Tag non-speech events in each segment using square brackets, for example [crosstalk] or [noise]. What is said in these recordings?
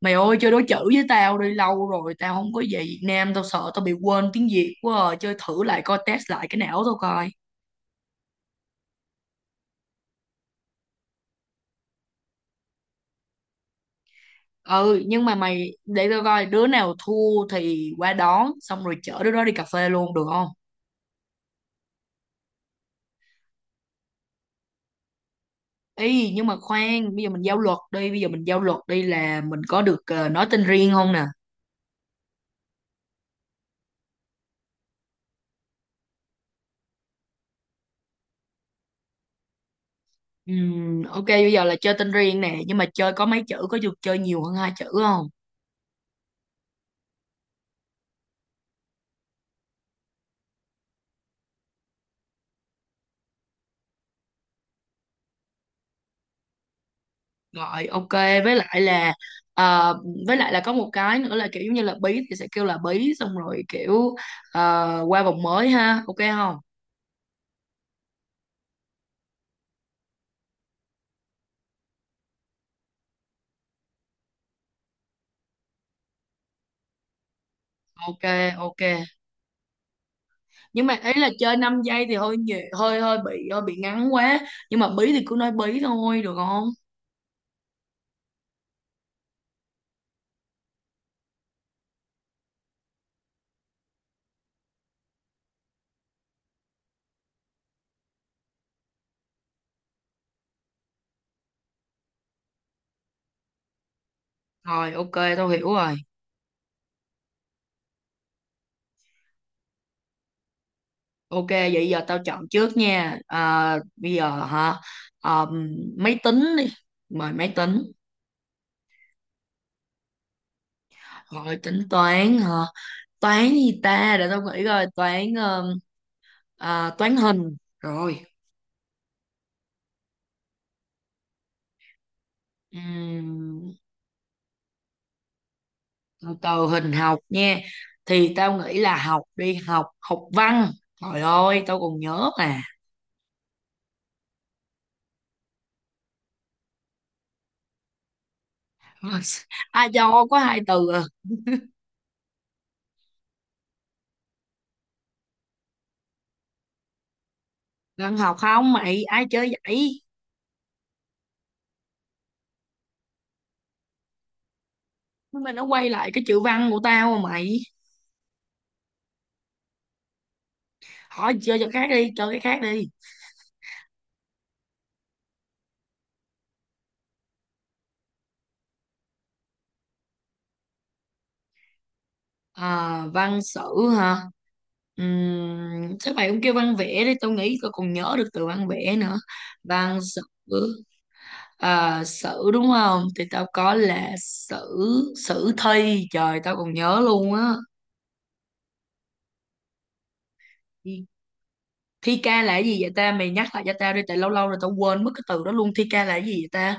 Mày ơi, chơi đối chữ với tao đi. Lâu rồi tao không có về Việt Nam, tao sợ tao bị quên tiếng Việt quá à. Chơi thử lại coi, test lại cái não tao coi. Ừ, nhưng mà mày để tao coi, đứa nào thua thì qua đón, xong rồi chở đứa đó đi cà phê luôn được không? Ý nhưng mà khoan. Bây giờ mình giao luật đi là mình có được nói tên riêng không nè? Ok, bây giờ là chơi tên riêng nè. Nhưng mà chơi có mấy chữ? Có được chơi nhiều hơn hai chữ không? Rồi ok, với lại là ờ, với lại là có một cái nữa là kiểu giống như là bí thì sẽ kêu là bí, xong rồi kiểu qua vòng mới ha, ok không? Ok, ok, nhưng mà ý là chơi 5 giây thì hơi nhiều hơi hơi bị ngắn quá. Nhưng mà bí thì cứ nói bí thôi được không? Rồi ok, tao hiểu rồi. Ok, vậy giờ tao chọn trước nha. À, bây giờ hả? Ờ, máy tính đi. Mời máy tính. Rồi tính toán hả? Toán gì ta, để tao nghĩ coi. Toán, à, toán hình rồi. Ừm, Từ từ, hình học nha. Thì tao nghĩ là học đi học học văn. Trời ơi, tao còn nhớ mà. [laughs] Ai cho có hai từ à? Văn học không mày, ai chơi vậy? Nhưng mà nó quay lại cái chữ văn của tao mà mày. Hỏi chơi cho khác đi, chơi cái khác đi. À, văn sử hả? Chắc mày cũng kêu văn vẽ đi, tao nghĩ tao còn nhớ được từ văn vẽ nữa. Văn sử. À, sử đúng không? Thì tao có là sử. Sử thi, trời, tao còn nhớ luôn á. Thi thi ca là cái gì vậy ta? Mày nhắc lại cho tao đi, tại lâu lâu rồi tao quên mất cái từ đó luôn. Thi ca là cái gì vậy ta?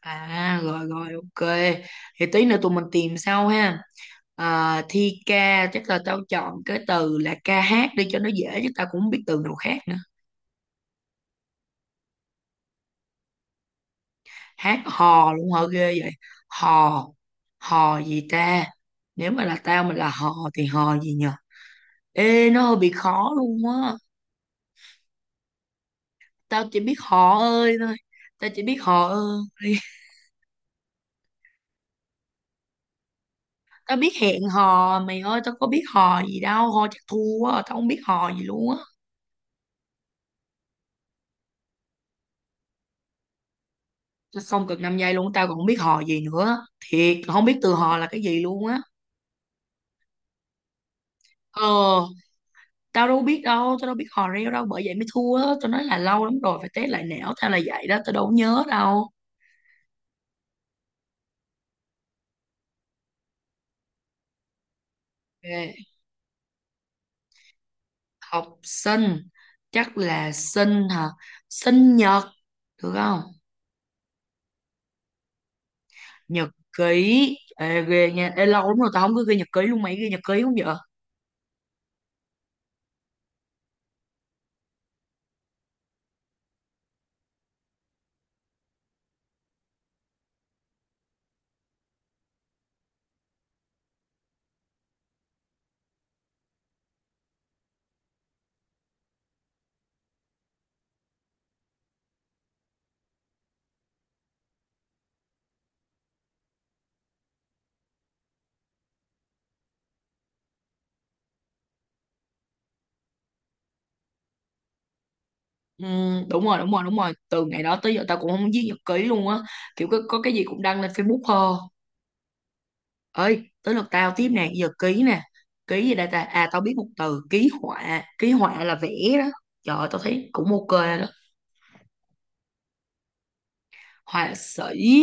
À, rồi rồi, ok. Thì tí nữa tụi mình tìm sau ha. À, thi ca, chắc là tao chọn cái từ là ca hát đi, cho nó dễ, chứ tao cũng không biết từ nào khác nữa. Hát hò luôn hả, ghê vậy. Hò. Hò gì ta? Nếu mà là tao, mình là hò thì hò gì nhỉ? Ê, nó hơi bị khó luôn á. Tao chỉ biết họ ơi thôi. Tao chỉ biết họ ơi. [laughs] Tao biết hẹn hò. Mày ơi, tao có biết hò gì đâu. Hò chắc thua quá, tao không biết hò gì luôn á. Tao, xong cực 5 giây luôn. Tao còn không biết hò gì nữa, thiệt không biết từ hò là cái gì luôn á. Ờ. Tao đâu biết đâu. Tao đâu biết hò reo đâu. Bởi vậy mới thua á. Tao nói là lâu lắm rồi, phải test lại não tao là vậy đó. Tao đâu có nhớ đâu. Ok. Học sinh. Chắc là sinh hả? Sinh nhật được không? Nhật ký. Ê, ghê nha. Ê, lâu lắm rồi tao không có ghi nhật ký luôn, mày ghi nhật ký không vậy? Ừ, đúng rồi, đúng rồi, đúng rồi, từ ngày đó tới giờ tao cũng không viết nhật ký luôn á. Kiểu có cái gì cũng đăng lên Facebook thôi. Ơi tới lượt tao tiếp nè, giờ ký nè. Ký gì đây ta? À, tao biết một từ ký họa. Ký họa là vẽ đó. Trời ơi, tao thấy cũng ok đó. Họa sĩ.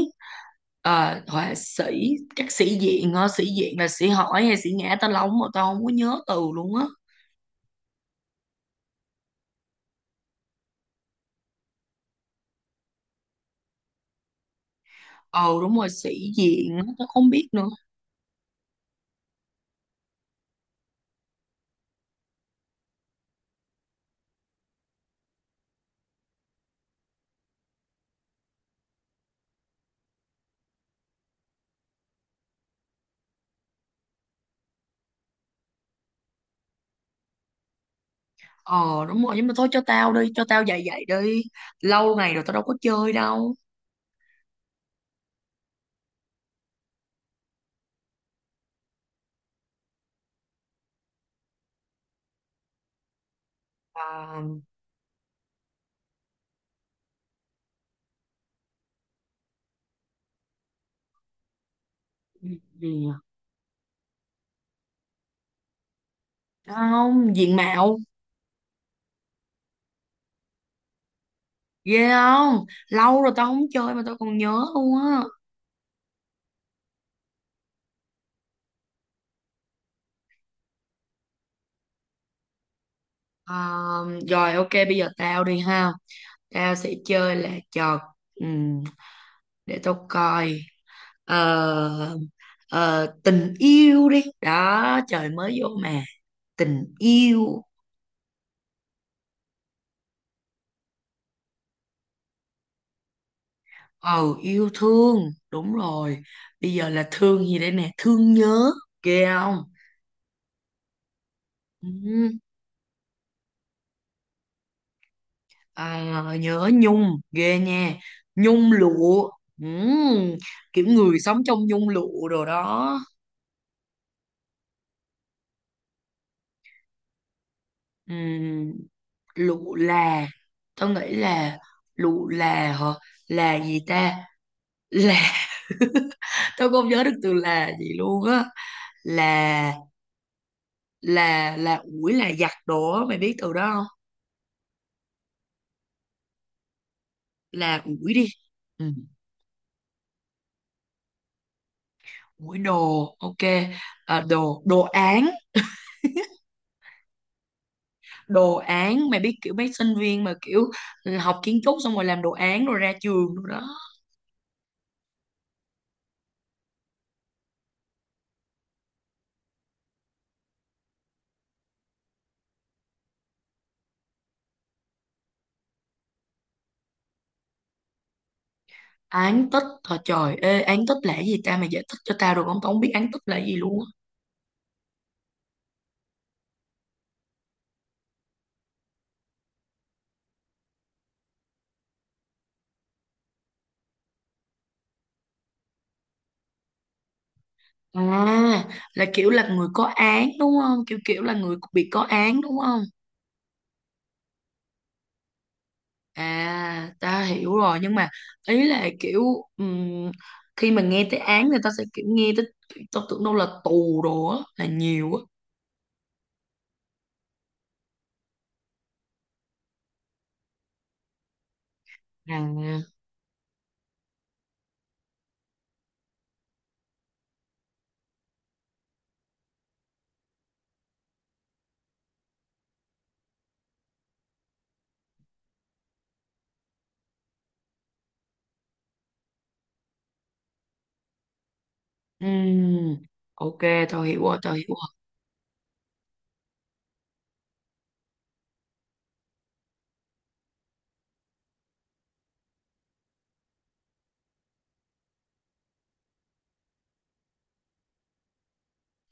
Ờ, họa sĩ. Chắc sĩ diện á. Sĩ diện là sĩ hỏi hay sĩ ngã, tao lóng mà tao không có nhớ từ luôn á. Ờ đúng rồi. Sĩ diện, tao không biết nữa. Ờ đúng rồi, nhưng mà thôi cho tao đi. Cho tao dạy dạy đi, lâu ngày rồi tao đâu có chơi đâu. À, ừ, ừ. Không, diện mạo. Ghê không, lâu rồi tao không chơi mà tao còn nhớ luôn á. À, rồi ok, bây giờ tao đi ha. Tao sẽ chơi là trò, ừm, để tao coi. Ờ, Tình yêu đi. Đó, trời mới vô mà. Tình yêu. Ừ, yêu thương, đúng rồi. Bây giờ là thương gì đây nè. Thương nhớ, ghê không? Ừ. À, nhớ nhung, ghê nha. Nhung lụa. Ừ, kiểu người sống trong nhung lụa đồ đó. Ừ. Lụa là, tao nghĩ là lụ là hả? Là gì ta? Là. [laughs] Tao không nhớ được từ là gì luôn á. là là ủi, là giặt đồ á, mày biết từ đó không? Là ủi đi. Ừ. Mũi đồ, ok. À, đồ, đồ án, đồ án. Mày biết kiểu mấy sinh viên mà kiểu học kiến trúc xong rồi làm đồ án rồi ra trường rồi đó. Án tích, thôi trời, ê, án tích là cái gì ta? Mày giải thích cho tao được không? Tao không biết án tích là cái gì luôn á. À, là kiểu là người có án đúng không? Kiểu kiểu là người bị có án đúng không? À, ta hiểu rồi. Nhưng mà ý là kiểu, ừm, khi mà nghe tới án thì ta sẽ kiểu nghe tới, tao tưởng đâu là tù đồ á, là nhiều á. À. Ừm, ok, tao hiểu rồi, tao hiểu rồi.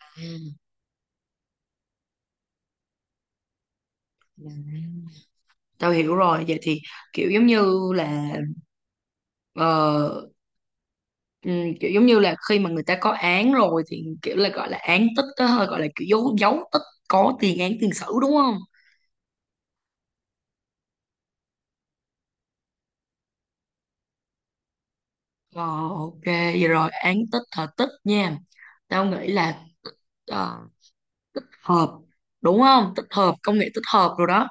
Ừm. Dạ. Tao hiểu rồi, vậy thì kiểu giống như là ờ, kiểu giống như là khi mà người ta có án rồi thì kiểu là gọi là án tích đó thôi, gọi là kiểu dấu dấu tích, có tiền án tiền sử đúng không? Ờ, ok vậy. Rồi án tích, hợp tích nha, tao nghĩ là ờ, hợp đúng không? Tích hợp, công nghệ tích hợp rồi đó.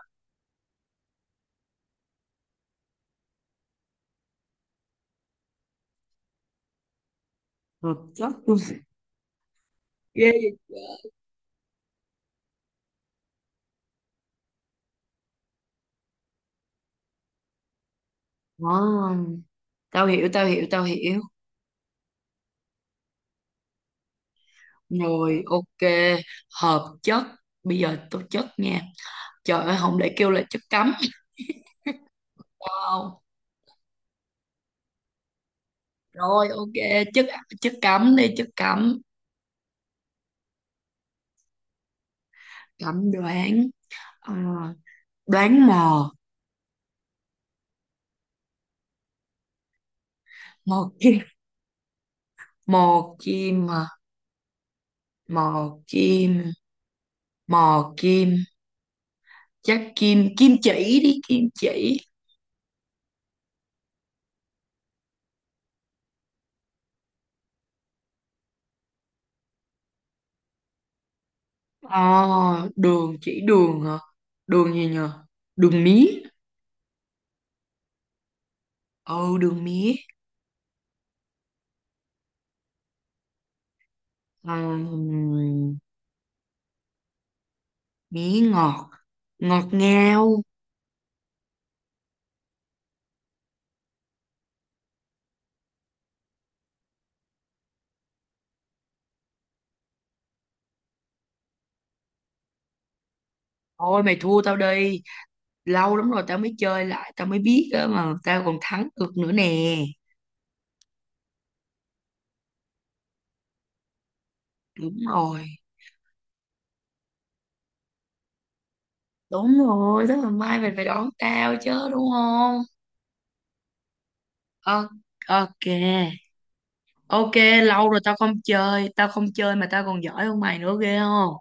Hợp chất, ghê vậy. Ờ, tao hiểu, tao hiểu, tao hiểu. Rồi ok, hợp chất. Bây giờ tôi chất nha, trời ơi không, để kêu là chất cấm. Wow. Rồi ok, chất. Chất cấm đi, chất cấm. Cấm đoán. Ờ, đoán mò. Mò kim. Mò kim à, mò kim. Mò kim. Chắc kim, kim chỉ đi, kim chỉ. Ờ, đường. Chỉ đường hả? Đường gì nhờ? Đường mía. Ừ, đường mía. Ờ, mía ngọt. Ngọt ngào. Thôi mày thua tao đi. Lâu lắm rồi tao mới chơi lại, tao mới biết á mà tao còn thắng được nữa nè. Đúng rồi. Đúng rồi, tức là mai mày phải đón tao chứ đúng không? Ờ, ok. Ok, lâu rồi tao không chơi. Tao không chơi mà tao còn giỏi hơn mày nữa, ghê không?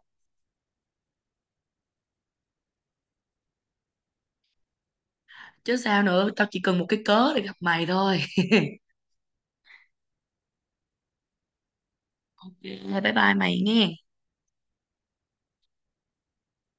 Chứ sao nữa, tao chỉ cần một cái cớ để gặp mày thôi. [laughs] Ok, bye bye mày nghe.